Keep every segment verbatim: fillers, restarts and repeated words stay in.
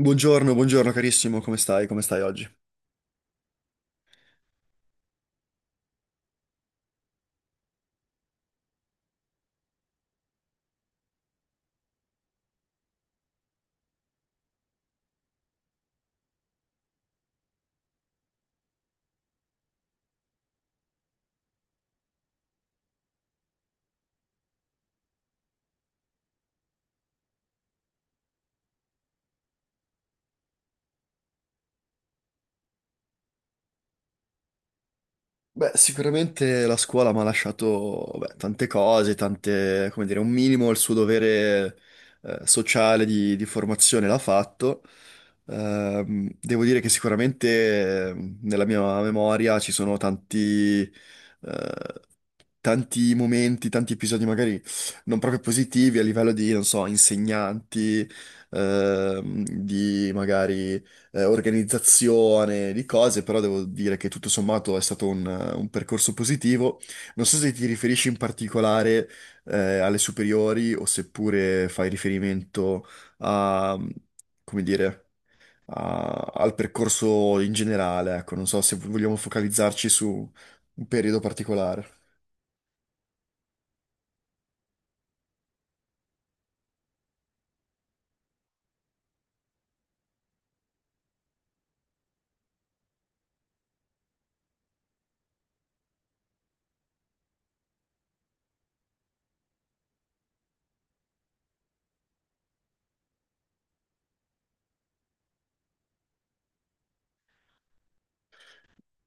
Buongiorno, buongiorno carissimo, come stai? Come stai oggi? Beh, sicuramente la scuola mi ha lasciato beh, tante cose, tante, come dire, un minimo il suo dovere eh, sociale di, di formazione l'ha fatto. Ehm, devo dire che sicuramente eh, nella mia memoria ci sono tanti, eh, tanti momenti, tanti episodi magari non proprio positivi a livello di, non so, insegnanti, ehm, di magari eh, organizzazione di cose, però devo dire che tutto sommato è stato un, un percorso positivo. Non so se ti riferisci in particolare eh, alle superiori o seppure fai riferimento a, come dire, a- al percorso in generale, ecco, non so se vogliamo focalizzarci su un periodo particolare.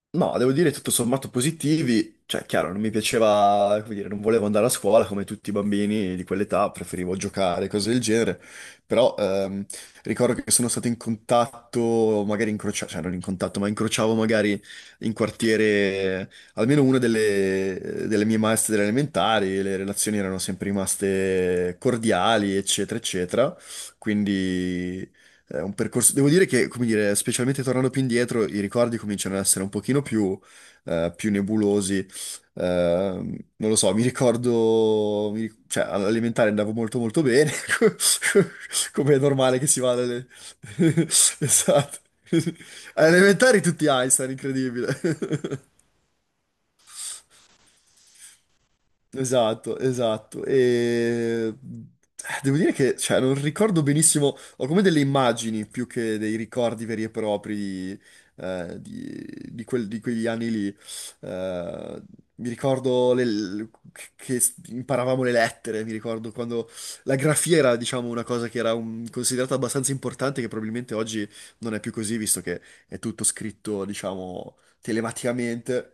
No, devo dire tutto sommato positivi, cioè chiaro, non mi piaceva, come dire, non volevo andare a scuola come tutti i bambini di quell'età, preferivo giocare, cose del genere, però ehm, ricordo che sono stato in contatto, magari incrociavo, cioè non in contatto, ma incrociavo magari in quartiere eh, almeno una delle, delle mie maestre delle elementari, le relazioni erano sempre rimaste cordiali, eccetera, eccetera, quindi è un percorso, devo dire che, come dire, specialmente tornando più indietro, i ricordi cominciano ad essere un pochino più, eh, più nebulosi. Eh, non lo so, mi ricordo, mi ric- cioè, all'elementare andavo molto molto bene, come è normale che si vada alle... Esatto. Alle elementari tutti Einstein, incredibile. Esatto, esatto. E devo dire che, cioè, non ricordo benissimo, ho come delle immagini più che dei ricordi veri e propri di, eh, di- di quel- di quegli anni lì. Eh, mi ricordo le- le- che imparavamo le lettere, mi ricordo quando la grafia era, diciamo, una cosa che era un- considerata abbastanza importante, che probabilmente oggi non è più così, visto che è tutto scritto, diciamo, telematicamente.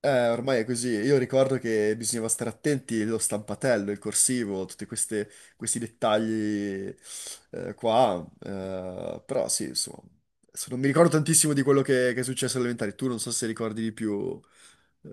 Eh, ormai è così. Io ricordo che bisognava stare attenti allo stampatello, il corsivo, tutti queste- questi dettagli eh, qua. eh, però sì, insomma, adesso non mi ricordo tantissimo di quello che, che è successo alle elementari. Tu non so se ricordi di più. eh,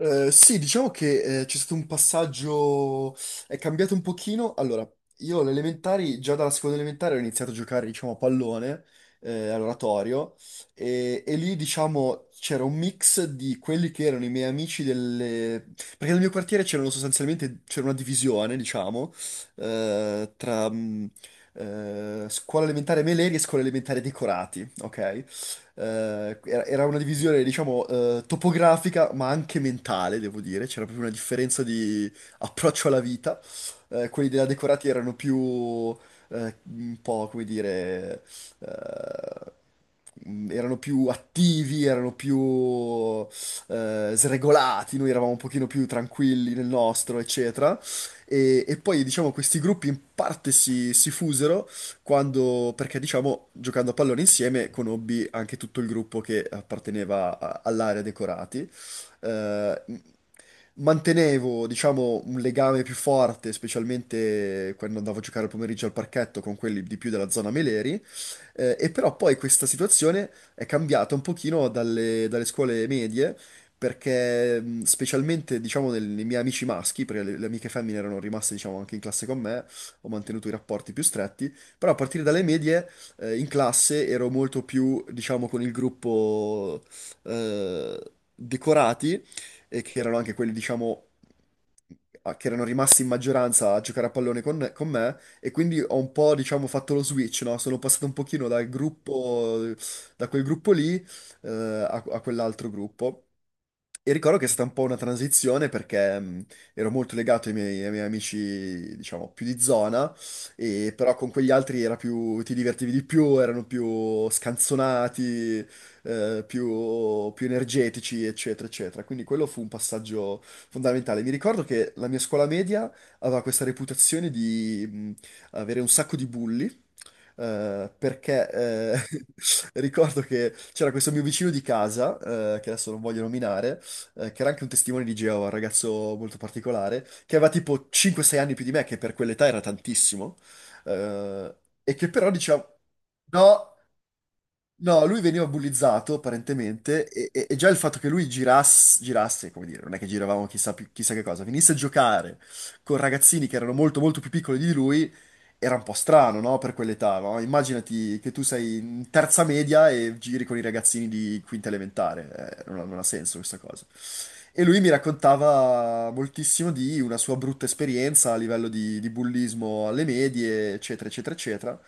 Eh, sì, diciamo che eh, c'è stato un passaggio, è cambiato un pochino. Allora, io alle elementari, già dalla seconda elementare ho iniziato a giocare, diciamo, a pallone, eh, all'oratorio, e, e lì, diciamo, c'era un mix di quelli che erano i miei amici delle... Perché nel mio quartiere c'erano sostanzialmente, c'era una divisione, diciamo, eh, tra mh, eh, scuola elementare Meleri e scuola elementare Decorati, ok? eh, era era una divisione, diciamo, eh, topografica, ma anche mentale, devo dire. C'era proprio una differenza di approccio alla vita. Eh, quelli della Decorati erano più, eh, un po', come dire, eh, mh, erano più attivi, erano più eh, sregolati, noi eravamo un pochino più tranquilli nel nostro, eccetera. E, e poi, diciamo, questi gruppi in parte si, si fusero quando, perché diciamo, giocando a pallone insieme conobbi anche tutto il gruppo che apparteneva a- all'area decorati. Eh, mantenevo, diciamo, un legame più forte, specialmente quando andavo a giocare il pomeriggio al parchetto con quelli di più della zona Meleri, eh, e però poi questa situazione è cambiata un pochino dalle, dalle scuole medie, perché mh, specialmente, diciamo, nel- nei miei amici maschi, perché le, le amiche femmine erano rimaste, diciamo, anche in classe con me, ho mantenuto i rapporti più stretti, però a partire dalle medie, eh, in classe ero molto più, diciamo, con il gruppo eh, decorati, e che erano anche quelli, diciamo, a- che erano rimasti in maggioranza a giocare a pallone con, con me e quindi ho un po', diciamo, fatto lo switch, no? Sono passato un pochino dal gruppo, da quel gruppo lì, eh, a, a quell'altro gruppo. E ricordo che è stata un po' una transizione perché mh, ero molto legato ai miei, ai miei amici, diciamo, più di zona e però con quegli altri era più, ti divertivi di più, erano più scanzonati, eh, più, più energetici, eccetera, eccetera. Quindi quello fu un passaggio fondamentale. Mi ricordo che la mia scuola media aveva questa reputazione di mh, avere un sacco di bulli. eh, perché eh, ricordo che c'era questo mio vicino di casa, eh, che adesso non voglio nominare, eh, che era anche un testimone di Geova, un ragazzo molto particolare, che aveva tipo cinque sei anni più di me, che per quell'età era tantissimo eh, e che però diciamo, no. No, lui veniva bullizzato apparentemente e, e- e già il fatto che lui girasse, girasse, come dire, non è che giravamo chissà, più- chissà che cosa, venisse a giocare con ragazzini che erano molto molto più piccoli di lui, era un po' strano, no? Per quell'età, no? Immaginati che tu sei in terza media e giri con i ragazzini di quinta elementare, eh, non ha non ha senso questa cosa. E lui mi raccontava moltissimo di una sua brutta esperienza a livello di, di bullismo alle medie, eccetera, eccetera, eccetera.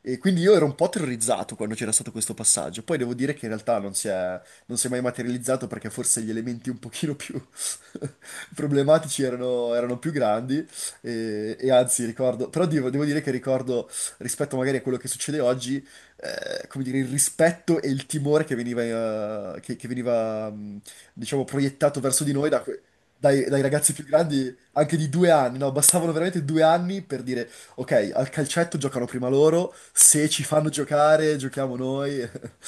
E quindi io ero un po' terrorizzato quando c'era stato questo passaggio. Poi devo dire che in realtà non si è, non si è mai materializzato perché forse gli elementi un pochino più problematici erano, erano più grandi. E, e anzi, ricordo, però devo, devo dire che ricordo rispetto magari a quello che succede oggi, eh, come dire, il rispetto e il timore che veniva, eh, che, che veniva, mh, diciamo, proiettato verso di noi da que- dai, dai ragazzi più grandi, anche di due anni, no? Bastavano veramente due anni per dire. Ok, al calcetto giocano prima loro, se ci fanno giocare, giochiamo noi.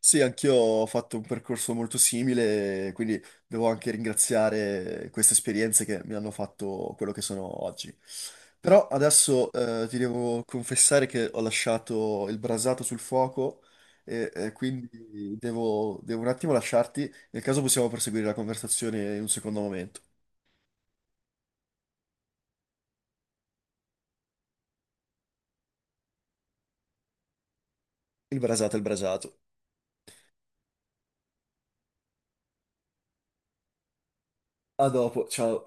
Sì, anch'io ho fatto un percorso molto simile, quindi devo anche ringraziare queste esperienze che mi hanno fatto quello che sono oggi. Però adesso eh, ti devo confessare che ho lasciato il brasato sul fuoco e, e quindi devo, devo un attimo lasciarti, nel caso possiamo proseguire la conversazione in un secondo momento. Il brasato è il brasato. A dopo, ciao.